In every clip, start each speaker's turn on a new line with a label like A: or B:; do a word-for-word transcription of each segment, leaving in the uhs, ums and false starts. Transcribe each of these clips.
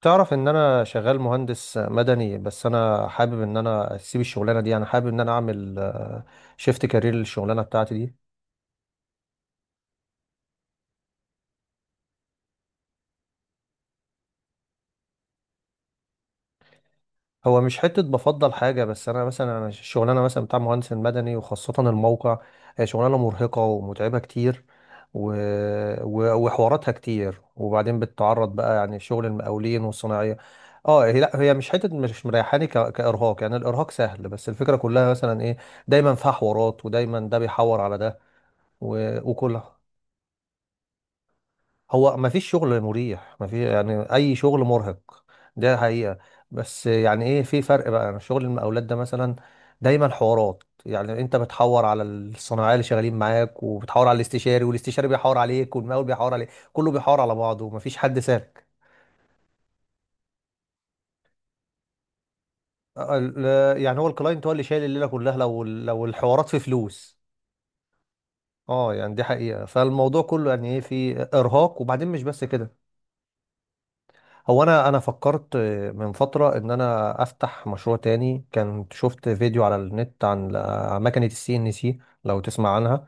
A: تعرف ان انا شغال مهندس مدني، بس انا حابب ان انا اسيب الشغلانه دي. انا حابب ان انا اعمل شيفت كارير للشغلانه بتاعتي دي. هو مش حته بفضل حاجه، بس انا مثلا انا الشغلانه مثلا بتاع مهندس المدني وخاصه الموقع هي شغلانه مرهقه ومتعبه كتير. و... و... وحواراتها كتير، وبعدين بتتعرض بقى يعني شغل المقاولين والصناعيه. اه، هي لا هي مش حته مش مريحاني ك... كارهاق، يعني الارهاق سهل، بس الفكره كلها مثلا ايه، دايما فيها حوارات ودايما ده بيحور على ده. و... وكل. هو ما فيش شغل مريح، ما في يعني اي شغل مرهق. ده حقيقة. بس يعني ايه، في فرق بقى. انا شغل المقاولات ده مثلا دايما حوارات. يعني انت بتحور على الصناعيه اللي شغالين معاك، وبتحور على الاستشاري، والاستشاري بيحور عليك، والمقاول بيحور عليك، كله بيحور على بعضه ومفيش حد سابك. ال- يعني هو الكلاينت هو اللي شايل الليله كلها، لو لو الحوارات في فلوس. اه، يعني دي حقيقه. فالموضوع كله يعني ايه، في ارهاق، وبعدين مش بس كده. هو انا انا فكرت من فتره ان انا افتح مشروع تاني. كان شفت فيديو على النت عن عن مكنه السي ان سي، لو تسمع عنها.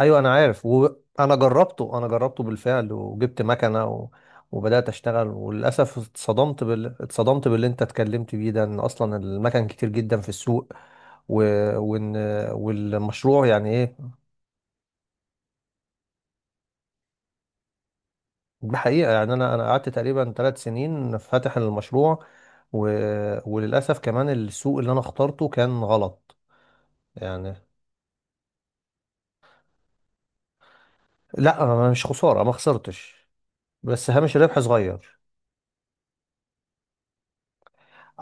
A: ايوه انا عارف، وانا جربته، انا جربته بالفعل، وجبت مكنه و... وبدات اشتغل. وللاسف اتصدمت بال... اتصدمت باللي انت اتكلمت بيه ده، ان اصلا المكن كتير جدا في السوق. و... وان والمشروع يعني ايه. دي حقيقة، يعني أنا أنا قعدت تقريبا ثلاث سنين فاتح المشروع. و... وللأسف كمان السوق اللي أنا اخترته كان غلط. يعني لا أنا مش خسارة، ما خسرتش، بس هامش الربح صغير.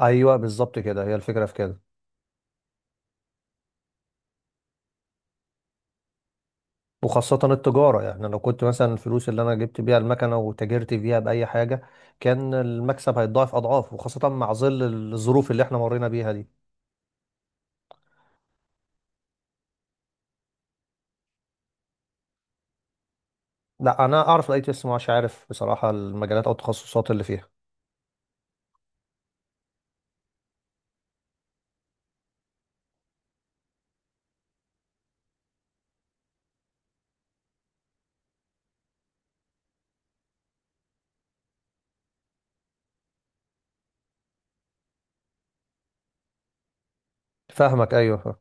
A: أيوه بالظبط كده، هي الفكرة في كده. وخاصة التجارة، يعني لو كنت مثلا الفلوس اللي أنا جبت بيها المكنة وتاجرت فيها بأي حاجة، كان المكسب هيتضاعف أضعاف، وخاصة مع ظل الظروف اللي احنا مرينا بيها دي. لا أنا أعرف الأي تي إس، مش عارف بصراحة المجالات أو التخصصات اللي فيها. فاهمك، أيوه.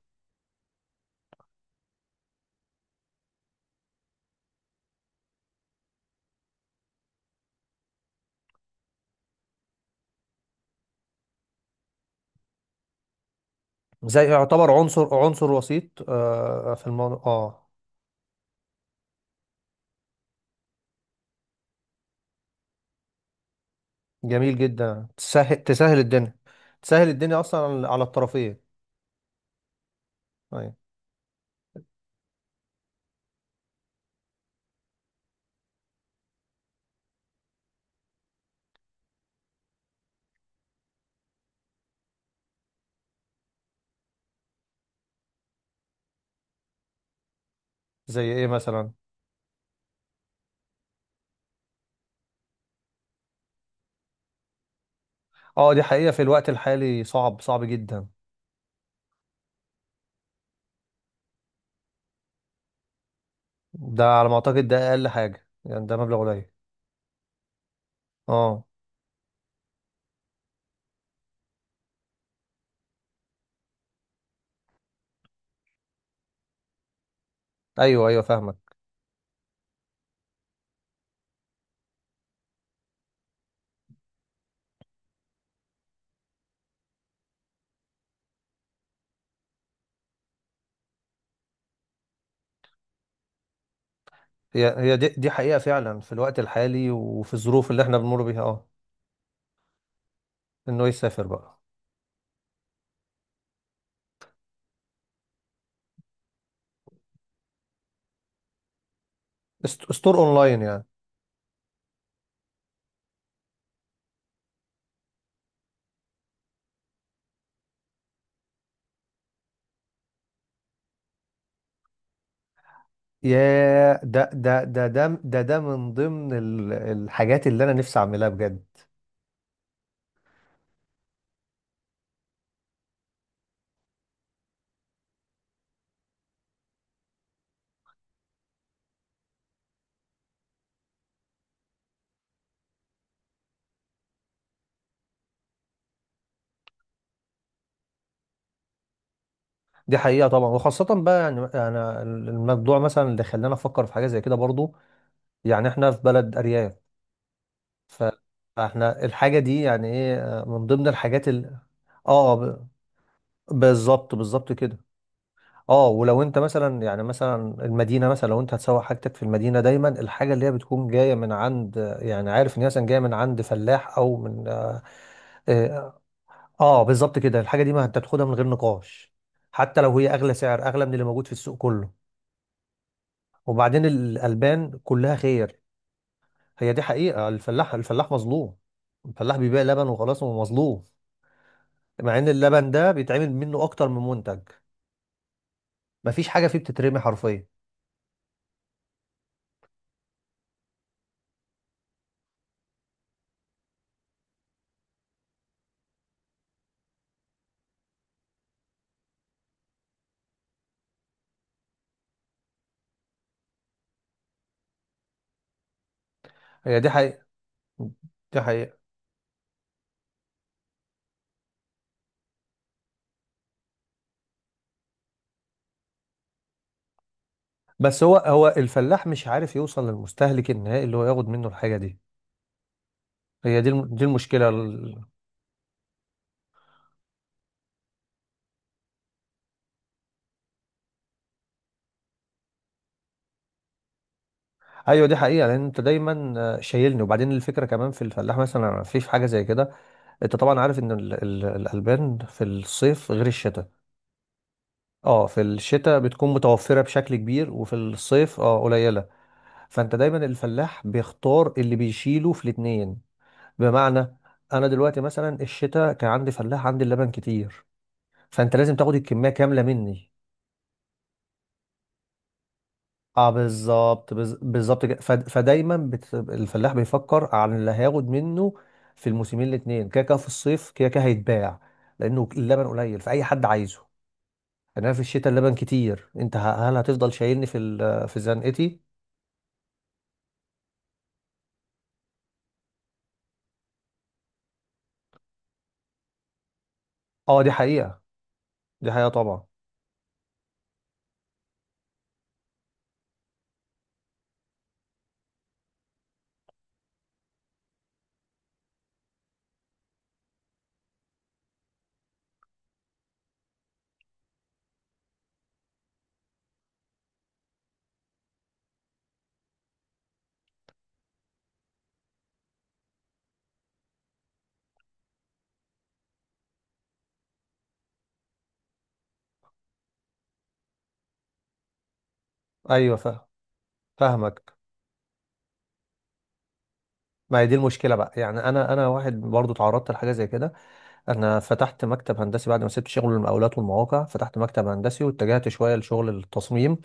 A: زي يعتبر عنصر عنصر وسيط آه، في الموضوع، اه. جميل جدا، تسهل تسهل الدنيا. تسهل الدنيا اصلا على على الطرفين. ايوه. زي ايه مثلا؟ اه دي حقيقة، في الوقت الحالي صعب صعب جدا. ده على ما اعتقد ده اقل حاجة، يعني ده مبلغ قليل. اه، ايوه ايوه فاهمك. هي هي دي دي حقيقة فعلا، في الوقت الحالي وفي الظروف اللي احنا بنمر بيها، اه. انه يسافر بقى. است- استور اونلاين يعني. ياه ده ده ده ده ده ده من ضمن ال- الحاجات اللي انا نفسي اعملها بجد. دي حقيقة طبعا، وخاصة بقى يعني انا الموضوع مثلا اللي خلاني افكر في حاجة زي كده برضو. يعني احنا في بلد ارياف. ف- فاحنا الحاجة دي يعني ايه، من ضمن الحاجات ال... اه ب- بالظبط بالظبط كده. اه، ولو انت مثلا يعني مثلا المدينة، مثلا لو انت هتسوق حاجتك في المدينة، دايما الحاجة اللي هي بتكون جاية من عند، يعني عارف ان هي مثلا جاية من عند فلاح او من آه، آه، اه بالظبط كده. الحاجه دي ما انت بتاخدها من غير نقاش، حتى لو هي اغلى سعر، اغلى من اللي موجود في السوق كله. وبعدين الالبان كلها خير. هي دي حقيقه، الفلاح الفلاح مظلوم. الفلاح بيبيع لبن وخلاص، هو مظلوم. مع ان اللبن ده بيتعمل منه اكتر من منتج، مفيش حاجه فيه بتترمي حرفيا. هي دي حقيقه. دي حقيقه. بس هو هو الفلاح مش عارف يوصل للمستهلك النهائي اللي هو ياخد منه الحاجه دي. هي دي الم- دي المشكله. ايوه دي حقيقه، لان انت دايما آه، شايلني. وبعدين الفكره كمان في الفلاح، مثلا في في حاجه زي كده. انت طبعا عارف ان ال- ال- الالبان في الصيف غير الشتاء. اه في الشتاء بتكون متوفره بشكل كبير، وفي الصيف اه قليله. فانت دايما الفلاح بيختار اللي بيشيله في الاتنين. بمعنى، انا دلوقتي مثلا الشتاء كان عندي فلاح، عندي اللبن كتير، فانت لازم تاخد الكميه كامله مني. اه بالظبط، بز- بالظبط كده. فد- فدايما بت... الفلاح بيفكر عن اللي هياخد منه في الموسمين الاثنين. كده كده في الصيف كده كده هيتباع، لانه اللبن قليل فاي حد عايزه. انا في الشتاء اللبن كتير، انت ه- هل هتفضل شايلني في ال... في زنقتي؟ اه دي حقيقة. دي حقيقة طبعا. ايوه فا- فاهمك. ما هي دي المشكله بقى، يعني انا انا واحد برضو اتعرضت لحاجه زي كده. انا فتحت مكتب هندسي بعد ما سبت شغل المقاولات والمواقع، فتحت مكتب هندسي واتجهت شويه لشغل التصميم،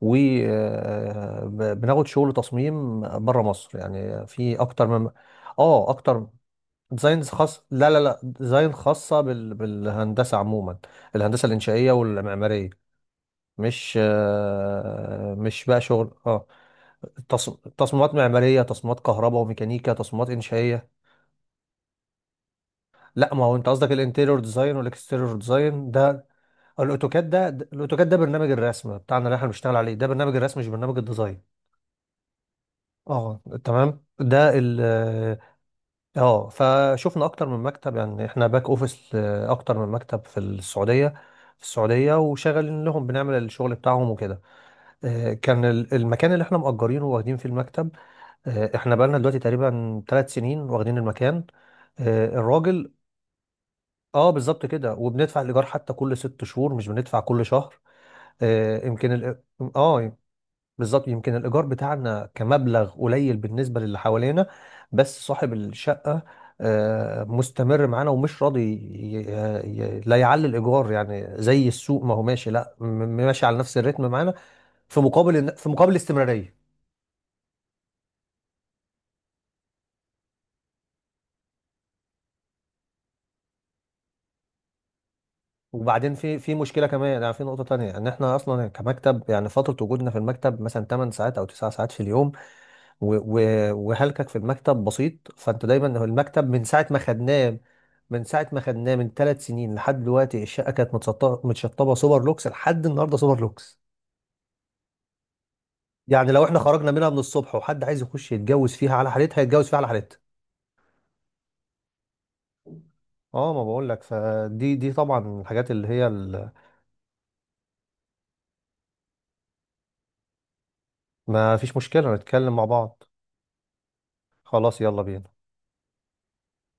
A: وبناخد شغل تصميم بره مصر، يعني في اكتر من. اه اكتر. ديزاينز خاص، لا لا لا ديزاين خاصه بال... بالهندسه عموما، الهندسه الانشائيه والمعماريه. مش آه، مش بقى شغل، اه تص... تصميمات معماريه، تصميمات كهرباء وميكانيكا، تصميمات انشائيه. لا ما هو انت قصدك الانتيريور ديزاين والاكستيريور ديزاين ده. الاوتوكاد ده، الاوتوكاد ده برنامج الرسم بتاعنا اللي احنا بنشتغل عليه، ده برنامج الرسم مش برنامج الديزاين. اه تمام، ده ال، اه. فشفنا اكتر من مكتب، يعني احنا باك اوفيس، اكتر من مكتب في السعوديه. في السعوديه وشغالين لهم، بنعمل الشغل بتاعهم وكده. آه، كان ال- المكان اللي احنا مأجرينه واخدين فيه المكتب، آه، احنا بقالنا دلوقتي تقريبا ثلاث سنين واخدين المكان. آه، الراجل. اه بالظبط كده، وبندفع الايجار حتى كل ست شهور، مش بندفع كل شهر. آه، يمكن ال... اه بالظبط، يمكن الإيجار بتاعنا كمبلغ قليل بالنسبة للي حوالينا، بس صاحب الشقة آه، مستمر معانا ومش راضي ي- ي- لا يعلي الإيجار، يعني زي السوق ما هو ماشي، لا م- ماشي على نفس الريتم معانا، في مقابل إن- في مقابل الاستمرارية. وبعدين في في مشكلة كمان، يعني في نقطة تانية، إن إحنا أصلا كمكتب يعني فترة وجودنا في المكتب مثلا ثمان ساعات أو تسع ساعات في اليوم، و- و- وهلكك في المكتب بسيط. فانت دايما هو المكتب من ساعه ما خدناه، من ساعه ما خدناه من ثلاث سنين لحد دلوقتي الشقه كانت متسطبه متشطبه سوبر لوكس، لحد النهارده سوبر لوكس. يعني لو احنا خرجنا منها من الصبح وحد عايز يخش يتجوز فيها على حالتها، يتجوز فيها على حالتها. اه ما بقول لك، فدي دي طبعا الحاجات اللي هي ال-. ما فيش مشكله نتكلم مع بعض. خلاص، يلا بينا.